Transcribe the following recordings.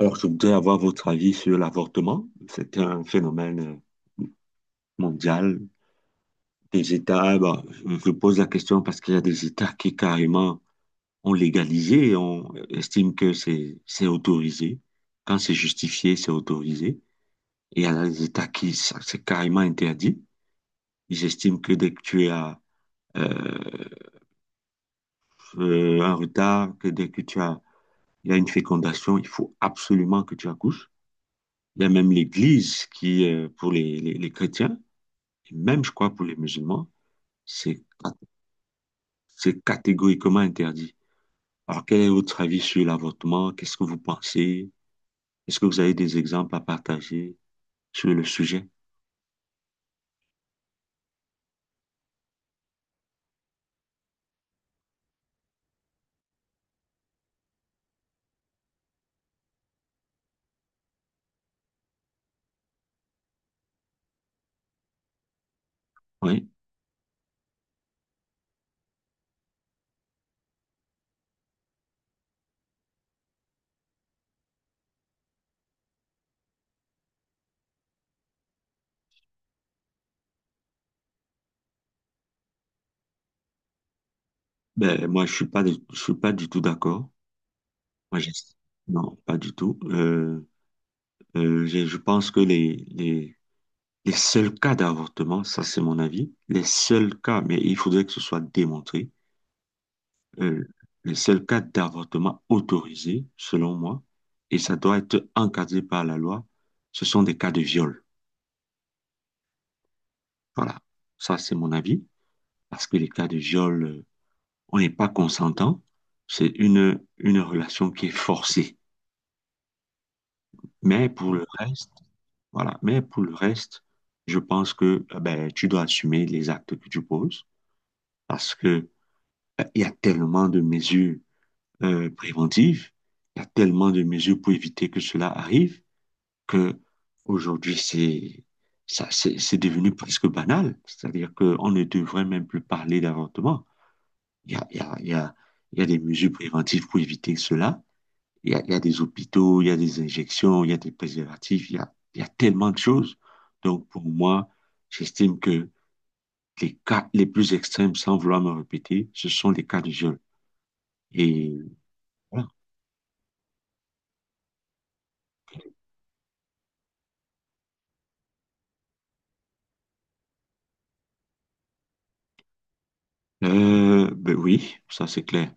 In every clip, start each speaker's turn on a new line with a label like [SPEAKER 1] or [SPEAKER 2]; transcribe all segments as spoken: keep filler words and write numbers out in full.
[SPEAKER 1] Alors, je voudrais avoir votre avis sur l'avortement. C'est un phénomène euh, mondial. Des États, bah, je je pose la question parce qu'il y a des États qui carrément ont légalisé et on estime que c'est c'est autorisé. Quand c'est justifié, c'est autorisé. Et il y a des États qui, ça, c'est carrément interdit. Ils estiment que dès que tu as euh, euh, un retard, que dès que tu as, il y a une fécondation, il faut absolument que tu accouches. Il y a même l'Église qui, euh, pour les, les les chrétiens, et même, je crois, pour les musulmans, c'est c'est catégoriquement interdit. Alors, quel est votre avis sur l'avortement? Qu'est-ce que vous pensez? Est-ce que vous avez des exemples à partager sur le sujet? Oui. Ben, moi, je suis pas, du- je suis pas du tout d'accord. Moi, j'ai- non, pas du tout. Euh, euh, j'ai- je pense que les, les, les seuls cas d'avortement, ça c'est mon avis, les seuls cas, mais il faudrait que ce soit démontré. Euh, c'est le cas d'avortement autorisé, selon moi, et ça doit être encadré par la loi. Ce sont des cas de viol. Voilà, ça c'est mon avis, parce que les cas de viol, euh, on n'est pas consentant. C'est une, une relation qui est forcée. Mais pour le, re- voilà. Mais pour le reste, je pense que euh, ben, tu dois assumer les actes que tu poses, parce que euh, il y a tellement de mesures euh, préventives, il y a tellement de mesures pour éviter que cela arrive que aujourd'hui c'est ça c'est c'est devenu presque banal, c'est-à-dire qu'on ne devrait même plus parler d'avortement. Il y a, il y a, il y a, il y a des mesures préventives pour éviter cela. Il y a, il y a des hôpitaux, il y a des injections, il y a des préservatifs, il y a, il y a tellement de choses. Donc pour moi, j'estime que les cas les plus extrêmes, sans vouloir me répéter, ce sont les cas de viol. Et voilà. Euh, ben oui, ça c'est clair.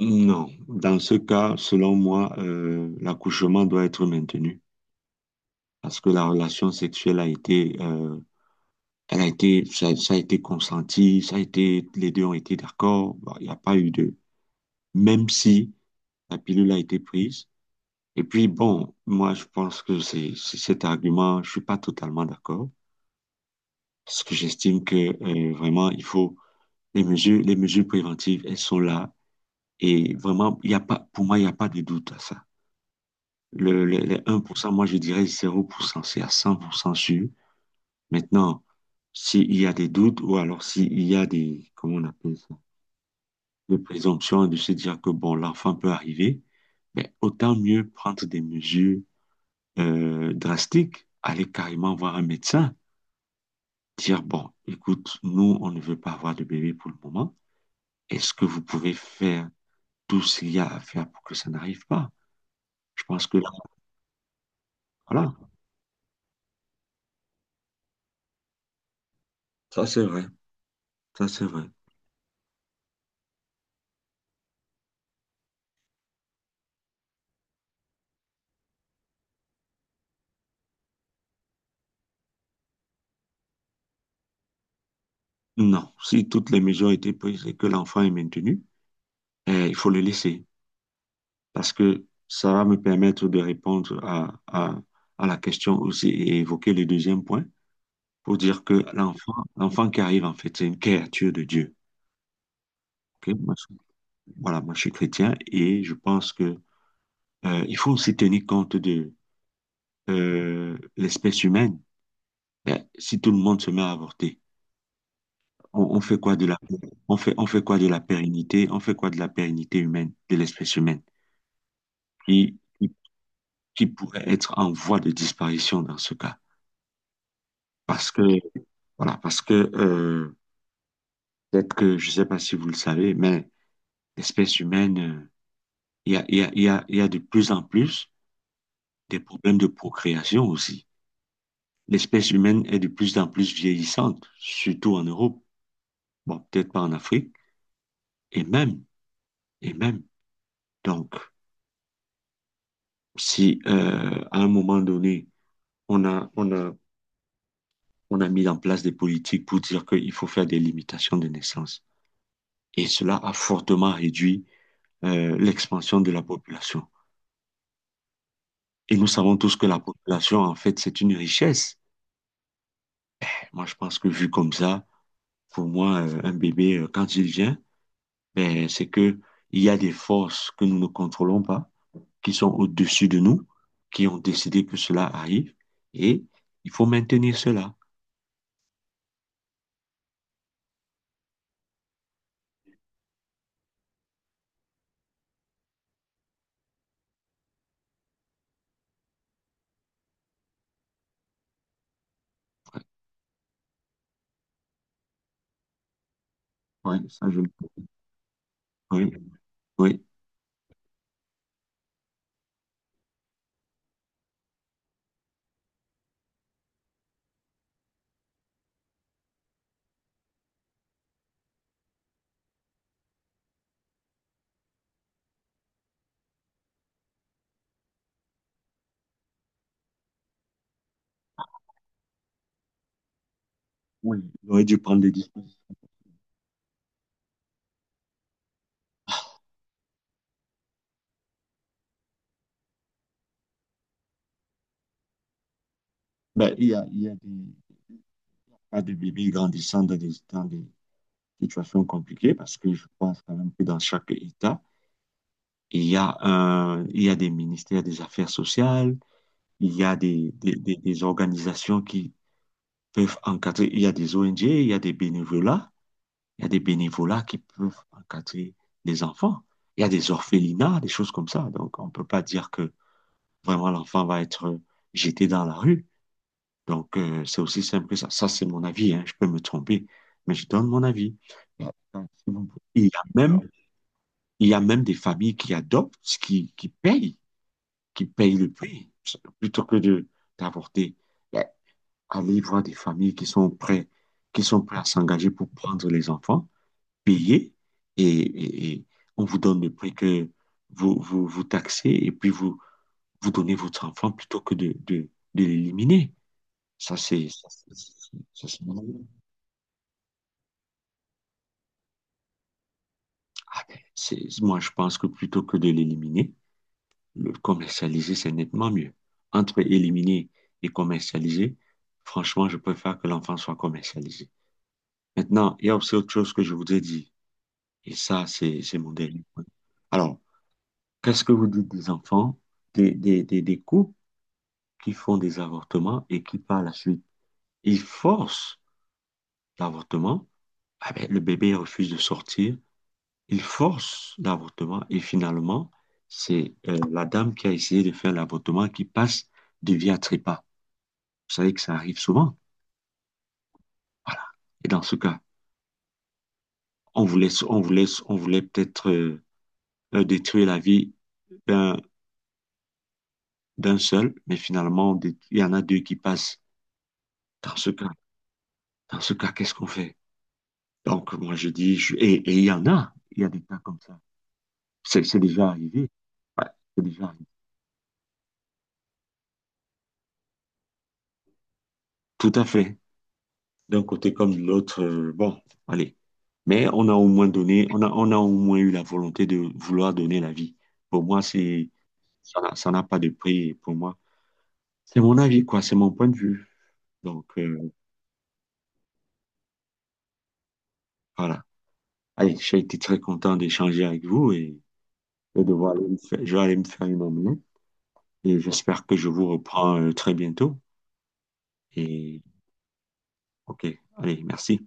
[SPEAKER 1] Non, dans ce cas, selon moi, euh, l'accouchement doit être maintenu parce que la relation sexuelle a été, euh, elle a été, ça, ça a été consenti, ça a été, les deux ont été d'accord. Bon, il n'y a pas eu de, même si la pilule a été prise. Et puis bon, moi je pense que c'est c'est cet argument, je suis pas totalement d'accord parce que j'estime que euh, vraiment il faut les mesures, les mesures préventives, elles sont là et vraiment il y a pas, pour moi il n'y a pas de doute à ça. Le, le- les, un pour cent, moi je dirais zéro pour cent, c'est à cent pour cent sûr. Maintenant, s'il y a des doutes ou alors s'il y a des, comment on appelle ça, des présomptions de se dire que bon, l'enfant peut arriver, mais autant mieux prendre des mesures euh, drastiques, aller carrément voir un médecin, dire bon, écoute, nous, on ne veut pas avoir de bébé pour le moment. Est-ce que vous pouvez faire tout ce qu'il y a à faire pour que ça n'arrive pas? Je pense que là, voilà, ça c'est vrai, ça c'est vrai. Non, si toutes les mesures ont été prises et que l'enfant est maintenu, eh, il faut le laisser parce que ça va me permettre de répondre à, à, à la question aussi et évoquer le deuxième point pour dire que l'enfant, l'enfant qui arrive, en fait, c'est une créature de Dieu. Ok, Moi, je- voilà, moi je suis chrétien et je pense que euh, il faut aussi tenir compte de euh, l'espèce humaine. Eh, si tout le monde se met à avorter, on, on fait quoi de la, on fait, on fait quoi de la pérennité, on fait quoi de la pérennité humaine, de l'espèce humaine qui pourrait être en voie de disparition dans ce cas. Parce que, voilà, parce que euh, peut-être que, je ne sais pas si vous le savez, mais l'espèce humaine, euh, il y a, il y a, il y a, il y a de plus en plus des problèmes de procréation aussi. L'espèce humaine est de plus en plus vieillissante, surtout en Europe, bon, peut-être pas en Afrique, et même, et même. Donc, si euh, à un moment donné, on a, on a, on a mis en place des politiques pour dire qu'il faut faire des limitations de naissance, et cela a fortement réduit euh, l'expansion de la population. Et nous savons tous que la population, en fait, c'est une richesse. Moi, je pense que vu comme ça, pour moi, euh, un bébé, euh, quand il vient, ben, c'est que il y a des forces que nous ne contrôlons pas, qui sont au-dessus de nous, qui ont décidé que cela arrive, et il faut maintenir cela. Oui, ça je le peux. Oui, oui, oui. On aurait dû prendre des dispositions. Ben, il y a, il y a des pas de bébés grandissant dans des, dans des situations compliquées parce que je pense quand même que dans chaque État, il y a un, il y a des ministères des Affaires sociales, il y a des, des, des- des organisations qui peuvent encadrer, il y a des O N G, il y a des bénévolats, il y a des bénévolats qui peuvent encadrer les enfants. Il y a des orphelinats, des choses comme ça. Donc, on ne peut pas dire que vraiment l'enfant va être jeté dans la rue. Donc, euh, c'est aussi simple que ça. Ça, c'est mon avis, hein. Je peux me tromper, mais je donne mon avis. Il y a même, il y a même des familles qui adoptent, qui, qui payent qui paye le prix, plutôt que de d'avorter. Ben, allez voir des familles qui sont prêtes, qui sont prêts à s'engager pour prendre les enfants, payer, et, et- et on vous donne le prix que vous, vous, vous taxez, et puis vous, vous donnez votre enfant plutôt que de, de, de l'éliminer. Ça, c'est... ça, c'est- ça, c'est- Ah, c'est- moi, je pense que plutôt que de l'éliminer, le commercialiser, c'est nettement mieux. Entre éliminer et commercialiser, franchement, je préfère que l'enfant soit commercialisé. Maintenant, il y a aussi autre chose que je vous ai dit, et ça, c'est, c'est mon dernier point. Alors, qu'est-ce que vous dites des enfants, des, des, des, des couples qui font des avortements et qui, par la suite, ils forcent l'avortement, ah ben, le bébé refuse de sortir, ils forcent l'avortement et finalement, c'est euh, la dame qui a essayé de faire l'avortement qui passe de vie à trépas. Vous savez que ça arrive souvent. Voilà. Et dans ce cas, on voulait, on voulait, on voulait peut-être euh, euh, détruire la vie d'un, d'un seul, mais finalement, on dét- il y en a deux qui passent. Dans ce cas, dans ce cas, qu'est-ce qu'on fait? Donc, moi, je dis, je- et, et il y en a, il y a des cas comme ça. C'est c'est déjà arrivé. Ouais, c'est déjà arrivé. Tout à fait. D'un côté comme de l'autre, euh, bon, allez. Mais on a au moins donné, on a, on a au moins eu la volonté de vouloir donner la vie. Pour moi, c'est, ça n'a ça n'a pas de prix pour moi. C'est mon avis, quoi, c'est mon point de vue. Donc, euh, voilà. Allez, j'ai été très content d'échanger avec vous et, et de voir aller me faire- je vais aller me faire une omelette. Et j'espère que je vous reprends euh, très bientôt. Et OK, allez, merci.